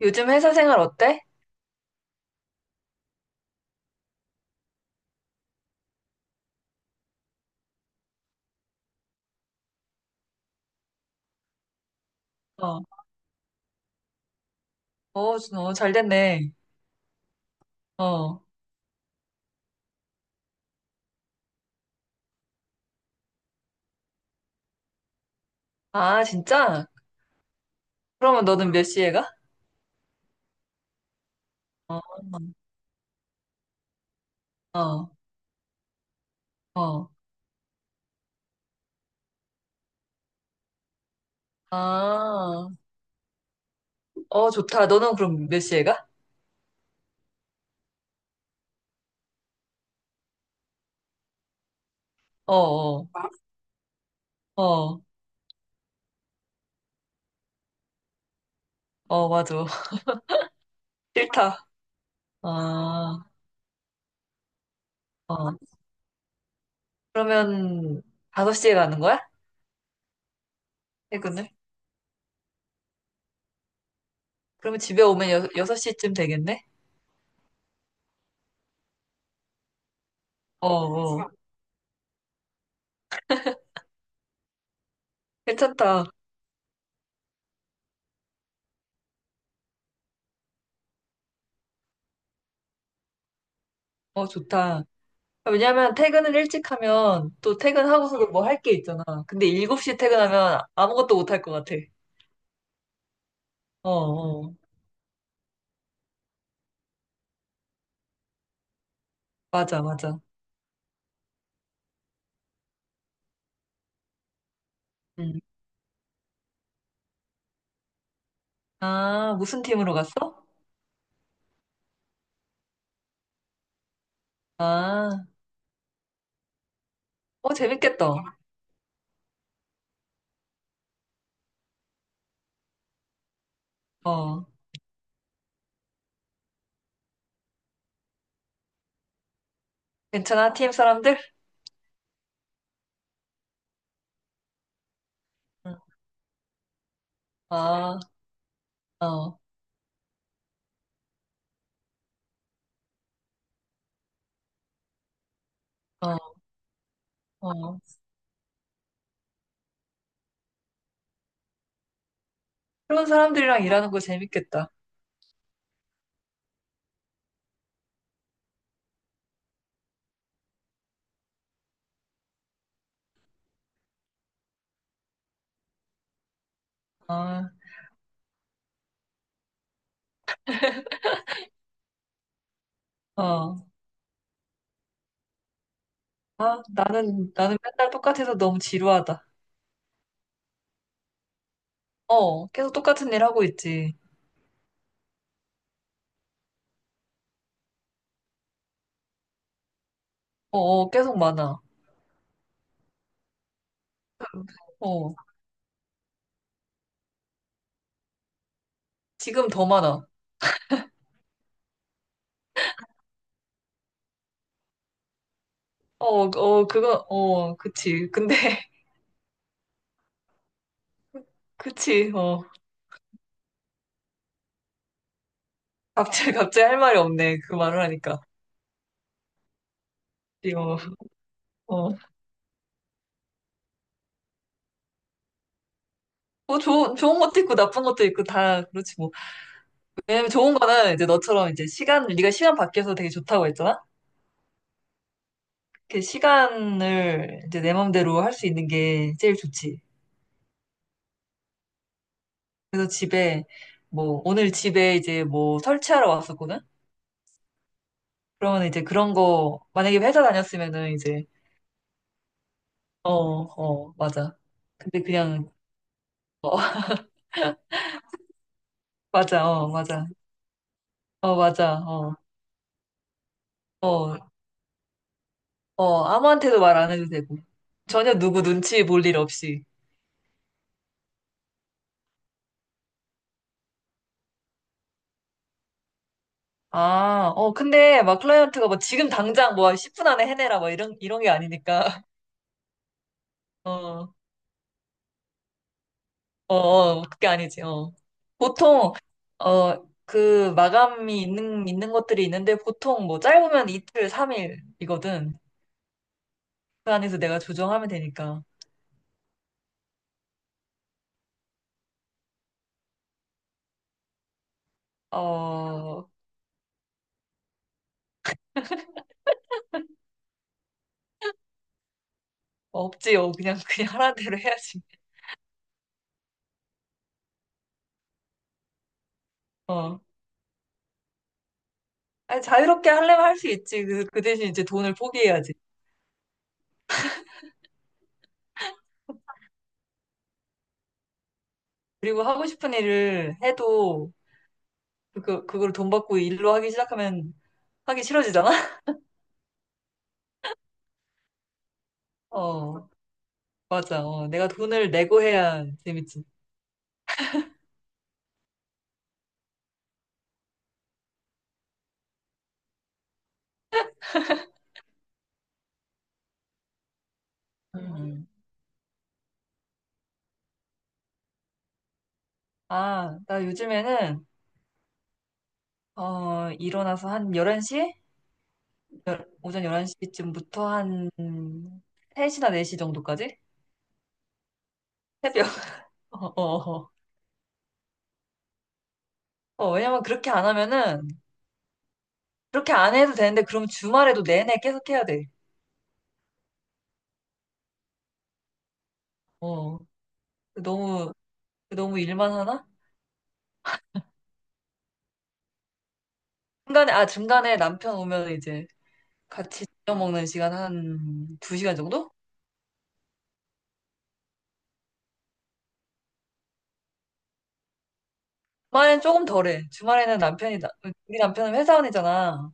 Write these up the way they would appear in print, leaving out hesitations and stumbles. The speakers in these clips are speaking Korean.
요즘 회사 생활 어때? 어, 어, 어, 잘 됐네. 어. 아, 진짜? 그러면 너는 몇 시에 가? 어, 어, 어. 아, 어, 좋다. 너는 그럼 몇 시에 가? 어, 어, 어, 어, 맞아. 싫다. 아, 어. 그러면 다섯 시에 가는 거야? 퇴근을? 그러면 집에 오면 여, 섯시쯤 되겠네? 어, 어. 괜찮다. 어, 좋다. 왜냐면 퇴근을 일찍 하면 또 퇴근하고서도 뭐 할 게 있잖아. 근데 7시에 퇴근하면 아무것도 못 할 것 같아. 어, 어. 맞아, 맞아. 음. 아, 무슨 팀으로 갔어? 아, 어, 재밌겠다. 어. 괜찮아, 팀 사람들? 응. 아, 어, 어, 어. 새로운 사람들이랑 일하는 거 재밌겠다. 아, 어. 아, 나는 맨날 똑같아서 너무 지루하다. 어, 계속 똑같은 일 하고 있지. 어, 어, 계속 많아. 어, 지금 더 많아. 어, 어, 그거, 어, 그치. 근데, 그치, 어. 갑자기 할 말이 없네. 그 말을 하니까. 이 어. 어. 뭐, 좋은 것도 있고, 나쁜 것도 있고, 다, 그렇지, 뭐. 왜냐면 좋은 거는 이제 너처럼 이제 시간, 네가 시간 밖에서 되게 좋다고 했잖아? 그 시간을 이제 내 맘대로 할 수 있는 게 제일 좋지. 그래서 집에, 뭐, 오늘 집에 이제 뭐 설치하러 왔었거든? 그러면 이제 그런 거, 만약에 회사 다녔으면은 이제, 어, 어, 맞아. 근데 그냥, 맞아, 어, 맞아. 어, 맞아. 어, 어, 어, 아무한테도 말 안 해도 되고. 전혀 누구 눈치 볼 일 없이. 아, 어, 근데 막 클라이언트가 뭐 지금 당장 뭐 10분 안에 해내라 뭐 이런 게 아니니까. 어, 어, 어, 그게 아니지. 어. 보통, 어, 그 마감이 있는 것들이 있는데 보통 뭐 짧으면 이틀, 삼일이거든그 안에서 내가 조정하면 되니까. 어, 없지요. 그냥, 그냥 하라는 대로 해야지. 어. 아니, 자유롭게 하려면 할 수 있지. 그, 그 대신 이제 돈을 포기해야지. 그리고 하고 싶은 일을 해도, 그걸 돈 받고 일로 하기 시작하면 하기 싫어지잖아? 어, 맞아. 어, 내가 돈을 내고 해야 재밌지. 음. 아, 나 요즘에는, 어, 일어나서 한 11시? 오전 11시쯤부터 한 3시나 4시 정도까지? 새벽. 어, 어, 어. 왜냐면 그렇게 안 하면은, 그렇게 안 해도 되는데, 그럼 주말에도 내내 계속 해야 돼. 어, 너무 너무 일만 하나? 중간에, 아, 중간에 남편 오면 이제 같이 저녁 먹는 시간 한 두시간 정도? 주말엔 조금 덜해. 주말에는 우리 남편은 회사원이잖아.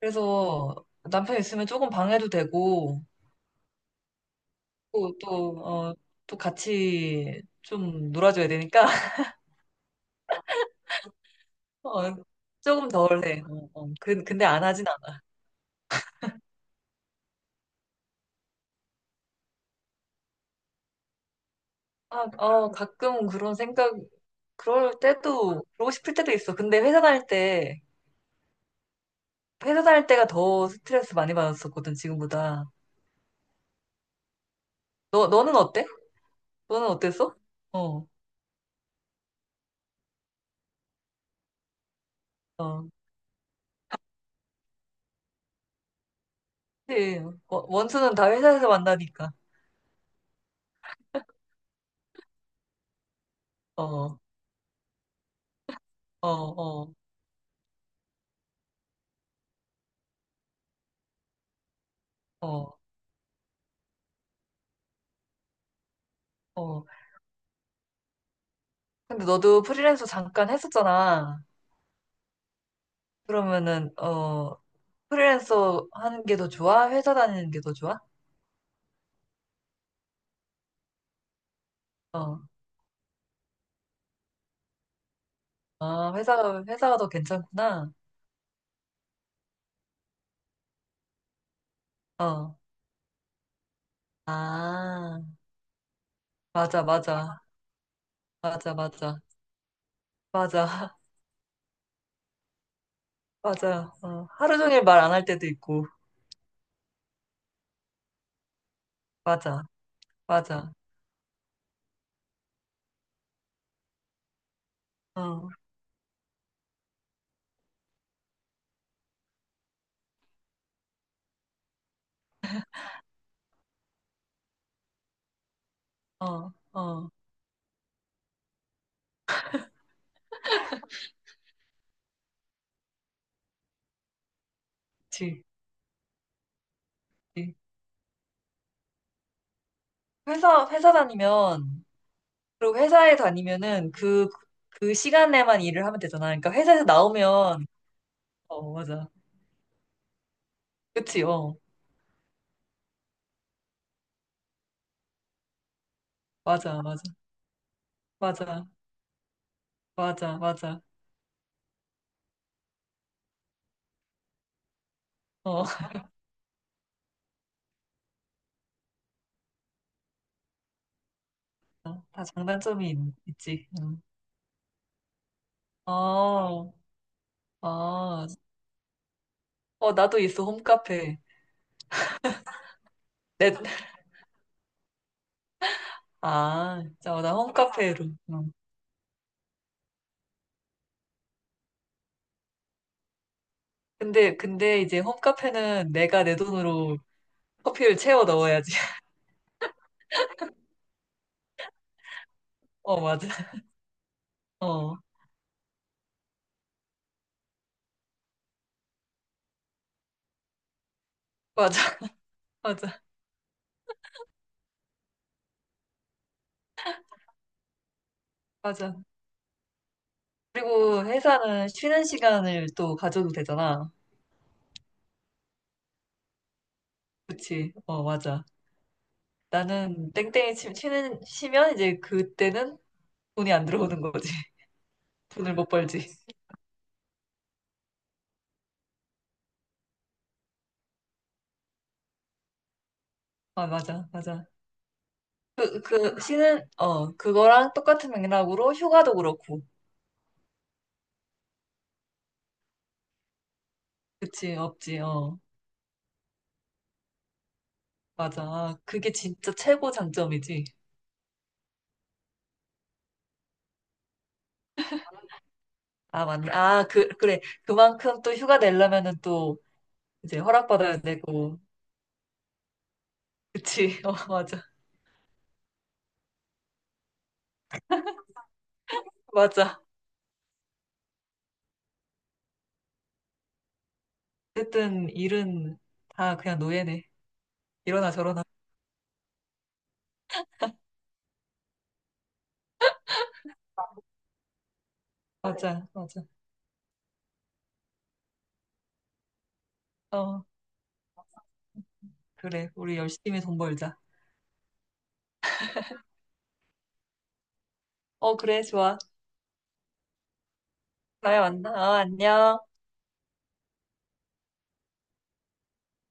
그래서 남편 있으면 조금 방해도 되고, 또, 또, 어, 또 같이 좀 놀아줘야 되니까, 어, 조금 덜해. 어, 어. 근데 안 하진 않아. 아, 어, 가끔 그런 생각, 그럴 때도, 그러고 싶을 때도 있어. 근데 회사 다닐 때, 회사 다닐 때가 더 스트레스 많이 받았었거든, 지금보다. 너는 어때? 너는 어땠어? 어, 어. 그치. 원수는 다 회사에서 만나니까. 어, 어, 어, 어, 어. 근데 너도 프리랜서 잠깐 했었잖아. 그러면은, 어, 프리랜서 하는 게 더 좋아? 회사 다니는 게 더 좋아? 어, 아, 회사가 더 괜찮구나. 어, 아, 맞아, 맞아. 맞아, 맞아. 맞아, 맞아. 어, 하루 종일 말 안 할 때도 있고. 맞아. 맞아. 어, 어, 어, 그치. 그치. 회사 다니면, 그리고 회사에 다니면은 그, 그 시간에만 일을 하면 되잖아. 그러니까 회사에서 나오면, 어, 맞아. 그치, 어. 맞아, 맞아. 맞아, 맞아, 맞아. 어, 다 장단점이 있, 있지. 응. 어, 아, 어, 나도 있어, 홈카페. 내, 아, 진짜, 어, 나 홈카페로. 응. 근데 이제 홈카페는 내가 내 돈으로 커피를 채워 넣어야지. 어, 맞아. 어, 맞아, 맞아, 맞아. 그리고 회사는 쉬는 시간을 또 가져도 되잖아. 그치? 어, 맞아. 나는 땡땡이 치, 쉬면 이제 그때는 돈이 안 들어오는 거지. 돈을 못 벌지. 아, 맞아, 맞아. 쉬는, 어, 그거랑 똑같은 맥락으로 휴가도 그렇고. 그치, 없지, 어. 맞아. 아, 그게 진짜 최고 장점이지. 아, 맞네. 아, 그래. 그만큼 또 휴가 내려면은 또 이제 허락받아야 되고. 그치, 어, 맞아. 맞아. 어쨌든 일은 다 그냥 노예네. 이러나 저러나. 맞아, 맞아. 어, 그래. 우리 열심히 돈 벌자. 어, 그래, 좋아. 다음에 만나. 어, 안녕.